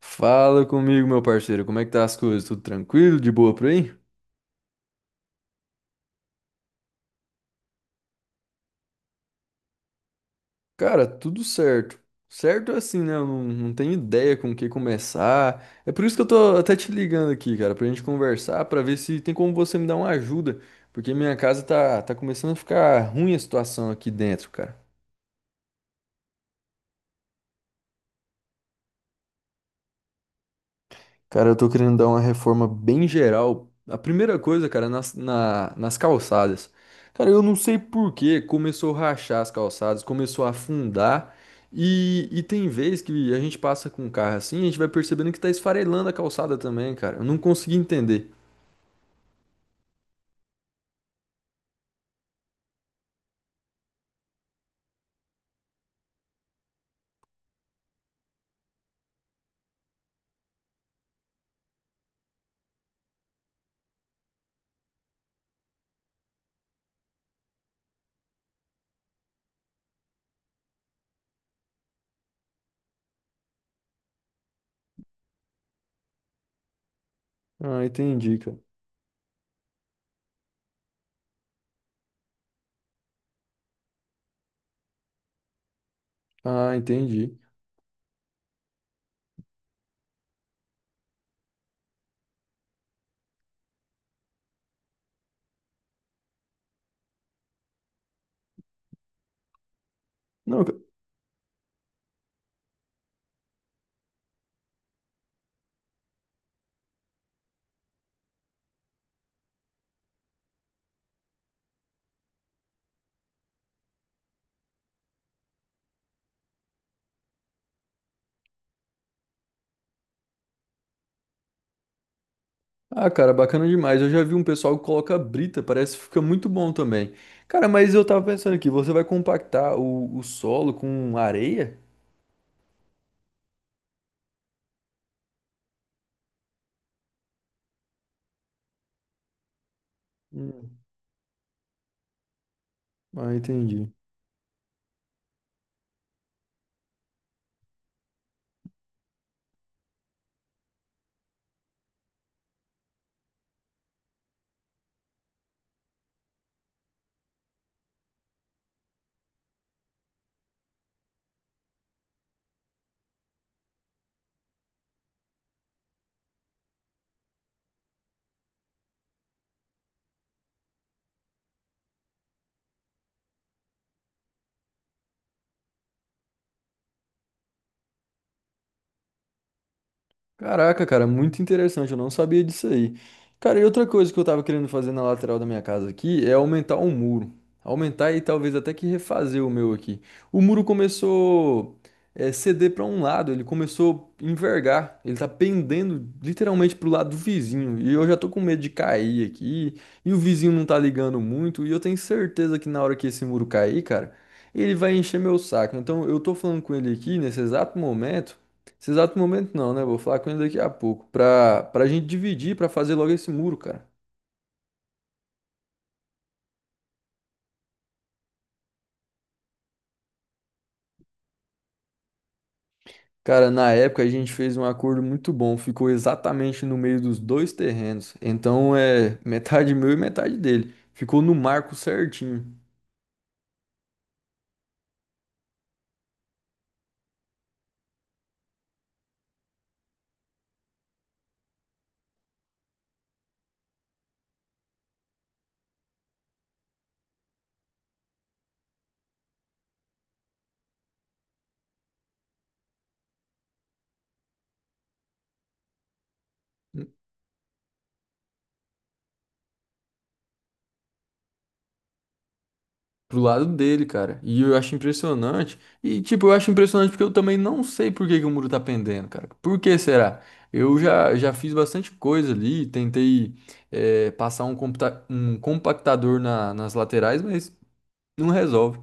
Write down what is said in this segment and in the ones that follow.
Fala comigo, meu parceiro. Como é que tá as coisas? Tudo tranquilo? De boa por aí? Cara, tudo certo. Certo é assim, né? Eu não tenho ideia com o que começar. É por isso que eu tô até te ligando aqui, cara, pra gente conversar, pra ver se tem como você me dar uma ajuda. Porque minha casa tá começando a ficar ruim a situação aqui dentro, cara. Cara, eu tô querendo dar uma reforma bem geral. A primeira coisa, cara, nas calçadas. Cara, eu não sei por que começou a rachar as calçadas, começou a afundar. E tem vez que a gente passa com o carro assim, a gente vai percebendo que tá esfarelando a calçada também, cara. Eu não consegui entender. Ah, entendi, cara. Ah, entendi. Não, ca- Ah, cara, bacana demais. Eu já vi um pessoal que coloca brita, parece que fica muito bom também. Cara, mas eu tava pensando aqui, você vai compactar o solo com areia? Ah, entendi. Caraca, cara, muito interessante. Eu não sabia disso aí. Cara, e outra coisa que eu tava querendo fazer na lateral da minha casa aqui é aumentar o muro. Aumentar e talvez até que refazer o meu aqui. O muro começou ceder pra um lado, ele começou a envergar. Ele tá pendendo literalmente pro lado do vizinho. E eu já tô com medo de cair aqui. E o vizinho não tá ligando muito. E eu tenho certeza que na hora que esse muro cair, cara, ele vai encher meu saco. Então eu tô falando com ele aqui nesse exato momento. Nesse exato momento não, né? Vou falar com ele daqui a pouco. Pra gente dividir, pra fazer logo esse muro, cara. Cara, na época a gente fez um acordo muito bom. Ficou exatamente no meio dos dois terrenos. Então é metade meu e metade dele. Ficou no marco certinho. Pro lado dele, cara. E eu acho impressionante. E, tipo, eu acho impressionante porque eu também não sei por que que o muro tá pendendo, cara. Por que será? Eu já fiz bastante coisa ali. Tentei, passar um, um compactador nas laterais, mas. Não resolve.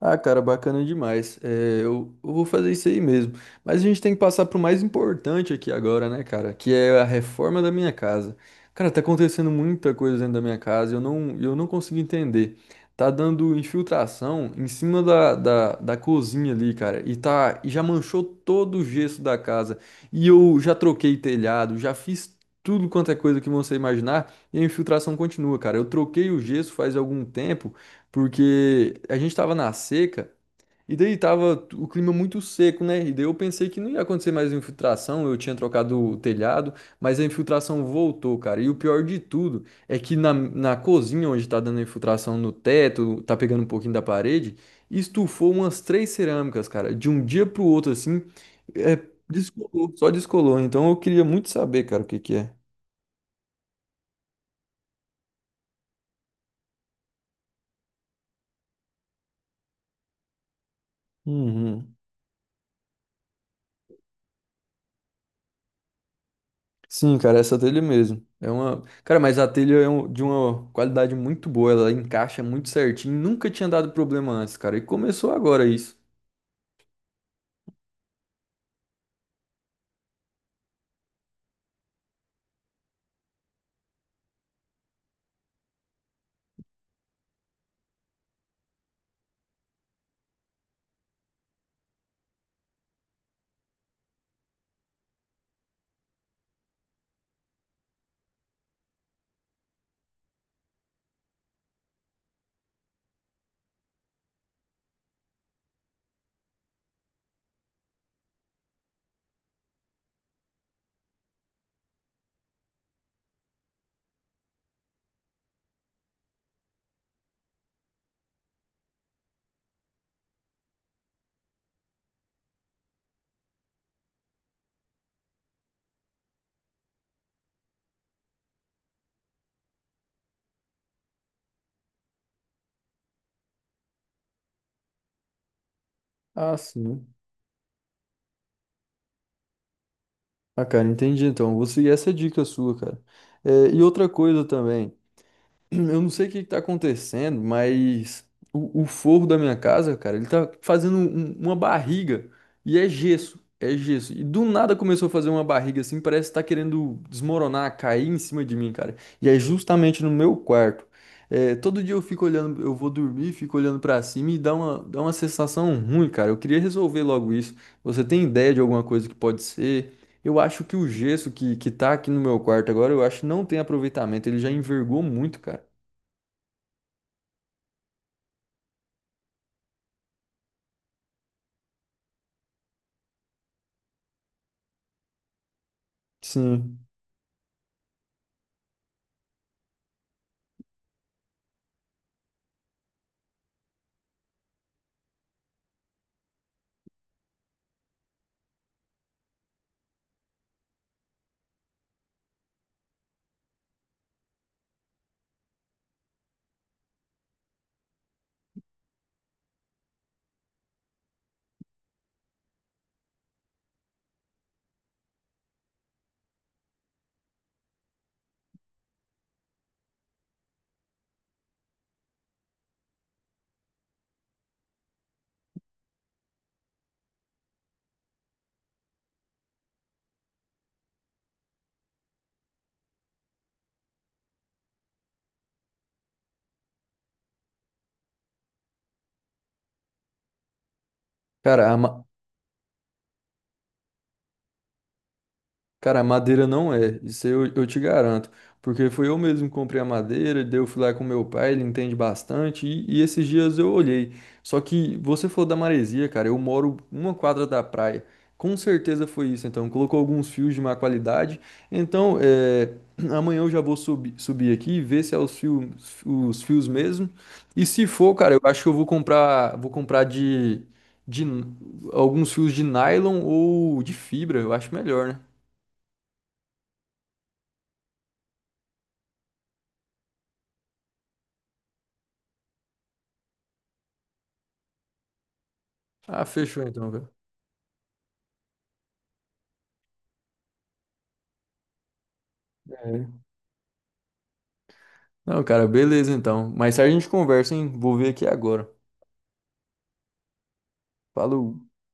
Ah, cara, bacana demais. É, eu vou fazer isso aí mesmo. Mas a gente tem que passar pro mais importante aqui agora, né, cara? Que é a reforma da minha casa. Cara, tá acontecendo muita coisa dentro da minha casa, eu não consigo entender. Tá dando infiltração em cima da cozinha ali, cara. E tá, e já manchou todo o gesso da casa. E eu já troquei telhado, já fiz tudo quanto é coisa que você imaginar, e a infiltração continua, cara. Eu troquei o gesso faz algum tempo. Porque a gente tava na seca e daí tava o clima muito seco, né? E daí eu pensei que não ia acontecer mais infiltração, eu tinha trocado o telhado, mas a infiltração voltou, cara. E o pior de tudo é que na cozinha onde tá dando infiltração no teto, tá pegando um pouquinho da parede, estufou umas três cerâmicas, cara, de um dia pro outro assim, é, descolou, só descolou. Então eu queria muito saber, cara, o que que é. Uhum. Sim, cara, essa telha mesmo. É uma, cara, mas a telha é de uma qualidade muito boa, ela encaixa muito certinho, nunca tinha dado problema antes, cara, e começou agora isso. Ah, sim. Ah, cara, entendi então. Vou seguir essa dica sua, cara. É, e outra coisa também. Eu não sei o que que tá acontecendo, mas o forro da minha casa, cara, ele tá fazendo uma barriga e é gesso, é gesso. E do nada começou a fazer uma barriga assim, parece que tá querendo desmoronar, cair em cima de mim, cara. E é justamente no meu quarto. É, todo dia eu fico olhando, eu vou dormir, fico olhando pra cima e dá dá uma sensação ruim, cara. Eu queria resolver logo isso. Você tem ideia de alguma coisa que pode ser? Eu acho que o gesso que tá aqui no meu quarto agora, eu acho que não tem aproveitamento. Ele já envergou muito, cara. Sim. Cara, a, ma- Cara, madeira não é, isso eu te garanto. Porque foi eu mesmo que comprei a madeira, daí eu fui lá com meu pai, ele entende bastante, e esses dias eu olhei. Só que você falou da maresia, cara, eu moro uma quadra da praia. Com certeza foi isso, então. Colocou alguns fios de má qualidade. Então, amanhã eu já vou subir aqui e ver se é os fios mesmo. E se for, cara, eu acho que vou comprar de n- alguns fios de nylon ou de fibra, eu acho melhor, né? Ah, fechou então, cara. É. Não, cara, beleza então. Mais tarde a gente conversa, hein? Vou ver aqui agora. Falou.